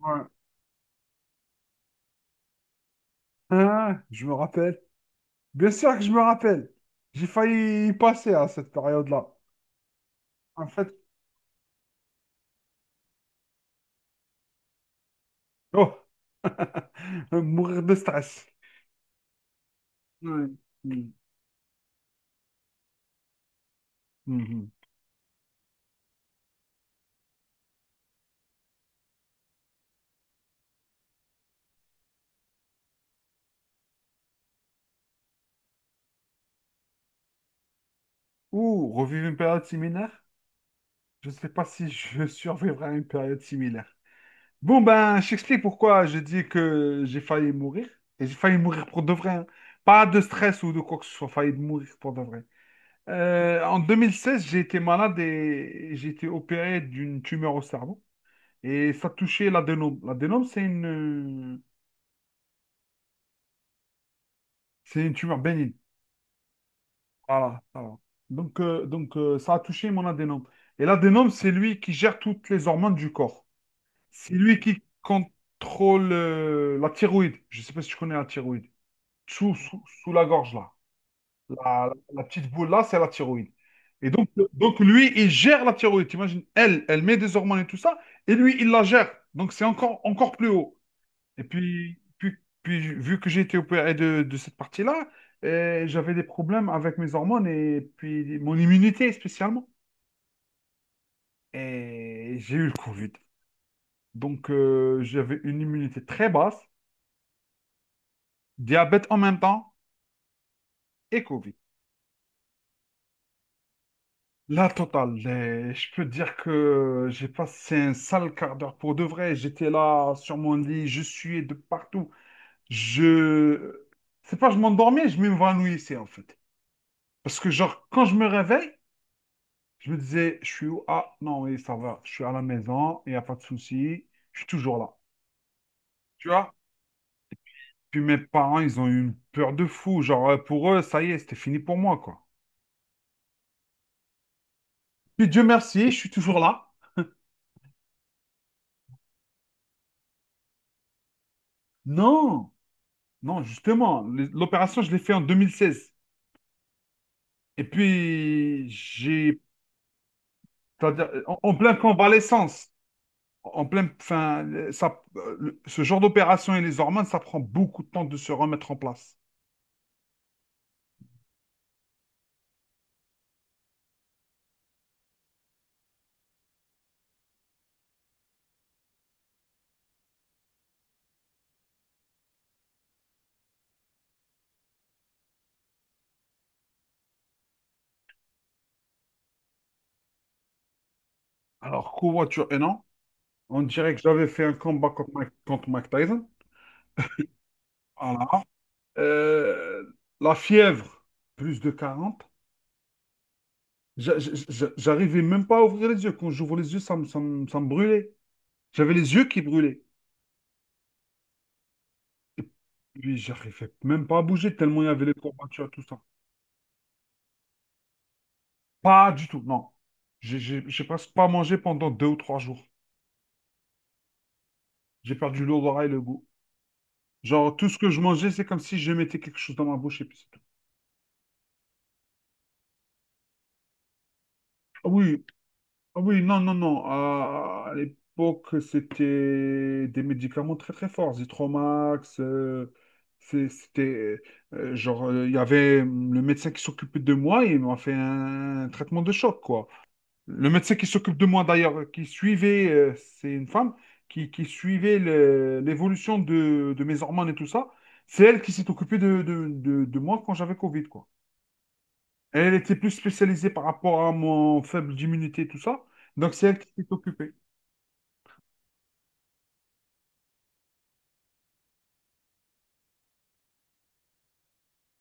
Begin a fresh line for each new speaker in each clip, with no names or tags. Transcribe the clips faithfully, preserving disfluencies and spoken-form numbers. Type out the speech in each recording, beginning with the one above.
Ouais. Hein, je me rappelle. Bien sûr que je me rappelle. J'ai failli y passer à cette période-là. En fait, oh. Mourir de stress. Ouais. Mm. Mhm. Ou revivre une période similaire. Je ne sais pas si je survivrai à une période similaire. Bon, ben, je t'explique pourquoi je dis que j'ai failli mourir. Et j'ai failli mourir pour de vrai, hein. Pas de stress ou de quoi que ce soit, failli mourir pour de vrai. Euh, en deux mille seize, j'ai été malade et j'ai été opéré d'une tumeur au cerveau. Et ça touchait l'adénome. L'adénome, c'est une, euh, c'est une tumeur bénigne. Voilà, ça va. Donc, euh, donc euh, ça a touché mon adénome. Et l'adénome, c'est lui qui gère toutes les hormones du corps. C'est lui qui contrôle euh, la thyroïde. Je ne sais pas si tu connais la thyroïde. Sous, sous, sous la gorge, là. La, la petite boule, là, c'est la thyroïde. Et donc, euh, donc, lui, il gère la thyroïde. T'imagines, elle, elle met des hormones et tout ça. Et lui, il la gère. Donc, c'est encore, encore plus haut. Et puis, puis, puis je- Vu que j'ai été opéré de, de cette partie-là, euh, j'avais des problèmes avec mes hormones et puis mon immunité spécialement. Et j'ai eu le Covid. Donc, euh, j'avais une immunité très basse, diabète en même temps et Covid. La totale. Et je peux dire que j'ai passé un sale quart d'heure pour de vrai. J'étais là sur mon lit, je suais de partout. Je... C'est pas Je m'endormais, je m'évanouissais en fait. Parce que genre, quand je me réveille, je me disais, je suis où? Ah, non, oui, ça va. Je suis à la maison, il n'y a pas de souci. Je suis toujours là. Tu vois? Puis mes parents, ils ont eu une peur de fou. Genre, euh, pour eux, ça y est, c'était fini pour moi, quoi. Puis Dieu merci, je suis toujours là. Non, non, justement, le- l'opération, je l'ai fait en deux mille seize. Et puis, j'ai, C'est-à-dire, en en pleine convalescence. En plein, enfin, ça, le- Ce genre d'opération et les hormones, ça prend beaucoup de temps de se remettre en place. Alors, covoiture et non, on dirait que j'avais fait un combat contre Mike, contre Mike Tyson. Voilà. Euh, la fièvre, plus de quarante. J'a- j'a- j'a- J'arrivais même pas à ouvrir les yeux. Quand j'ouvre les yeux, ça me, ça me- ça me brûlait. J'avais les yeux qui brûlaient. Lui, j'arrivais même pas à bouger tellement il y avait les courbatures, tout ça. Pas du tout, non. J'ai j'ai- j'ai presque pas mangé pendant deux ou trois jours. J'ai perdu l'odorat et le goût. Genre, tout ce que je mangeais, c'est comme si je mettais quelque chose dans ma bouche et puis c'est tout. Ah oui, ah oui, non, non, non. À, à l'époque, c'était des médicaments très très forts. Zitromax, euh, c'est- c'était... euh, genre, euh, il y avait hum, le médecin qui s'occupait de moi et il m'a fait un traitement de choc, quoi. Le médecin qui s'occupe de moi d'ailleurs, qui suivait, euh, c'est une femme, qui, qui suivait le- l'évolution de, de mes hormones et tout ça, c'est elle qui s'est occupée de, de, de- de moi quand j'avais Covid, quoi. Elle était plus spécialisée par rapport à mon faible immunité et tout ça, donc c'est elle qui s'est occupée.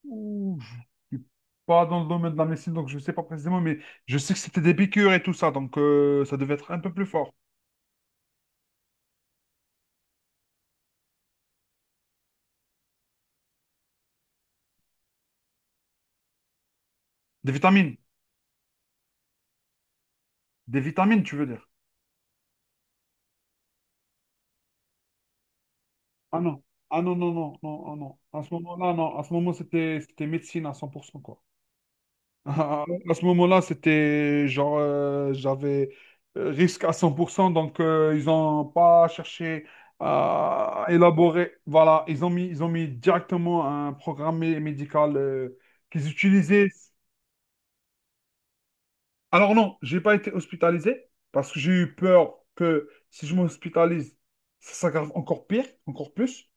Ouh, je suis pas dans le domaine de la médecine, donc je sais pas précisément, mais je sais que c'était des piqûres et tout ça, donc euh, ça devait être un peu plus fort. Des vitamines, des vitamines, tu veux dire. Ah non, ah non, non, non, non, ah non. À ce moment-là, non, à ce moment, c'était c'était médecine à cent pour cent quoi. À, ce moment-là, c'était genre, euh, j'avais euh, risque à cent pour cent donc euh, ils n'ont pas cherché à élaborer. Voilà, ils ont mis, ils ont mis directement un programme mé- médical euh, qu'ils utilisaient. Alors non, j'ai pas été hospitalisé parce que j'ai eu peur que si je m'hospitalise, ça s'aggrave encore pire, encore plus.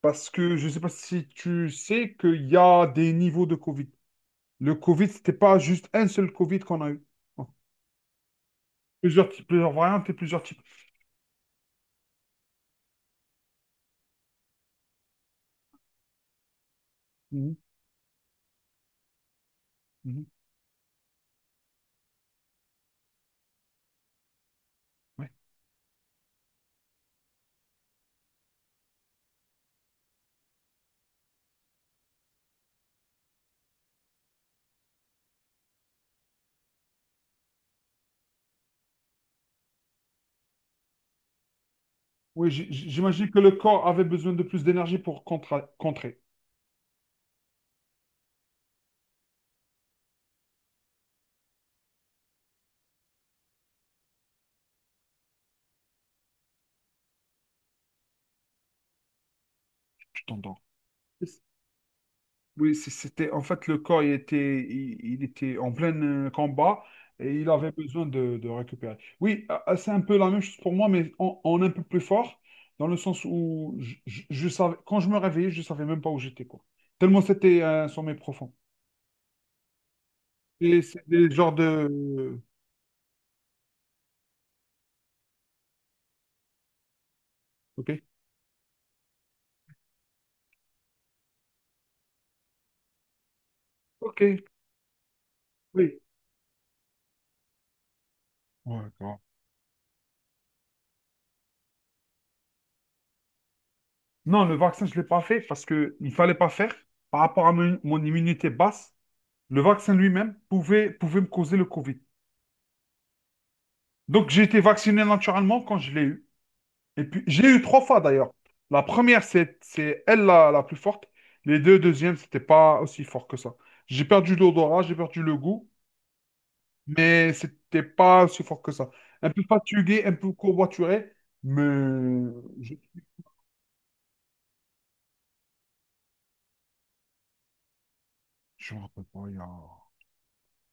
Parce que je ne sais pas si tu sais qu'il y a des niveaux de Covid. Le Covid, c'était pas juste un seul Covid qu'on a eu. Bon, plusieurs types, plusieurs variantes et plusieurs types. Mhm, mhm, ouais. Oui, j- j- j'imagine que le corps avait besoin de plus d'énergie pour contra- contrer. Tu t'endors. Oui, c- c'était en fait le corps, il était, il, il était en plein euh, combat et il avait besoin de, de récupérer. Oui, ah, ah, c'est un peu la même chose pour moi, mais en, en un peu plus fort, dans le sens où je, je- je savais, quand je me réveillais, je savais même pas où j'étais, quoi. Tellement c'était un sommeil profond. Et c'est des genres de. Ok. Ok, oui. Ouais, grave. Non, le vaccin, je ne l'ai pas fait parce qu'il ne fallait pas faire. Par rapport à mon mon immunité basse, le vaccin lui-même pouvait, pouvait me causer le Covid. Donc, j'ai été vacciné naturellement quand je l'ai eu. Et puis, j'ai eu trois fois d'ailleurs. La première, c'est c'est elle la, la plus forte. Les deux deuxièmes, c'était pas aussi fort que ça. J'ai perdu l'odorat, j'ai perdu le goût, mais c'était pas aussi fort que ça. Un peu fatigué, un peu courbaturé, mais je, je me rappelle pas. il y a-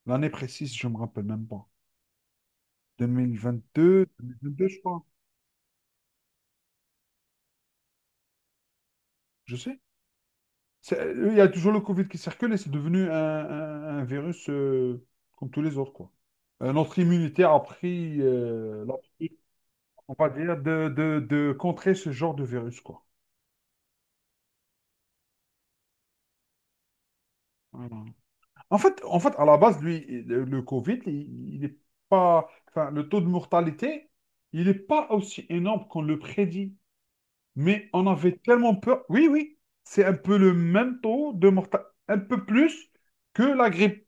L'année précise, je me rappelle même pas. deux mille vingt-deux deux mille vingt-deux, je crois. Je sais. C'est- Il y a toujours le Covid qui circule et c'est devenu un, un- un virus euh, comme tous les autres, quoi. Euh, notre immunité a pris, euh, l'a pris, on va dire, de, de, de contrer ce genre de virus, quoi. Voilà. En fait, en fait, à la base, lui, le, le Covid, il, il est pas, enfin, le taux de mortalité, il n'est pas aussi énorme qu'on le prédit. Mais on avait tellement peur. Oui, oui, c'est un peu le même taux de mortalité, un peu plus que la grippe.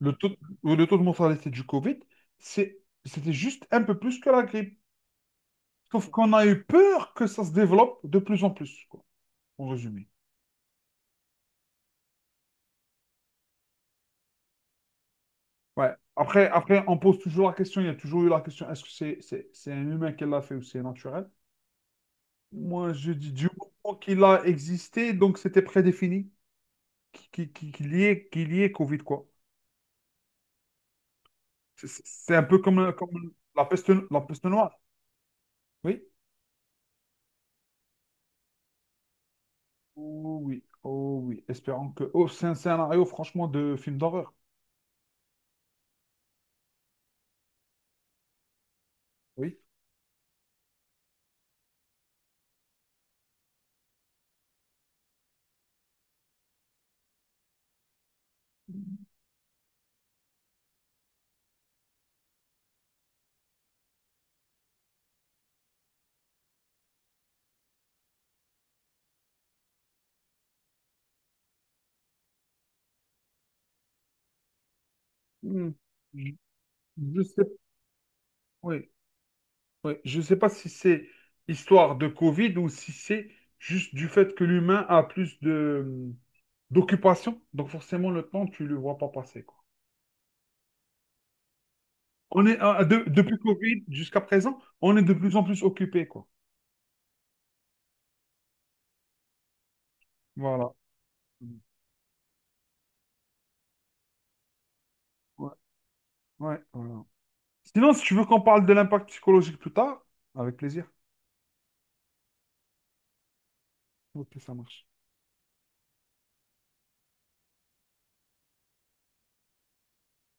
Le taux, le taux de mortalité du Covid, c'est, c'était juste un peu plus que la grippe. Sauf qu'on a eu peur que ça se développe de plus en plus, quoi, en résumé. Ouais. Après, après, on pose toujours la question, il y a toujours eu la question, est-ce que c'est c'est- c'est un humain qui l'a fait ou c'est naturel? Moi, je dis du moment qu'il a existé, donc c'était prédéfini qu'il qu'il- qu'il y ait, qu'il y ait Covid, quoi. C'est c'est- c'est un peu comme, comme la peste, la peste noire. Oui? Oh oui, oh oui. Espérons que... Oh, c'est un scénario, franchement, de film d'horreur. Oui. Hmm. Je je sais, oui, oui. Je sais pas si c'est histoire de Covid ou si c'est juste du fait que l'humain a plus de hmm, d'occupation. Donc forcément, le temps, tu le vois pas passer, quoi. On est, euh, de- depuis Covid jusqu'à présent, on est de plus en plus occupé, quoi. Voilà. Ouais, ouais, voilà. Sinon, si tu veux qu'on parle de l'impact psychologique plus tard, avec plaisir. Ok, ça marche.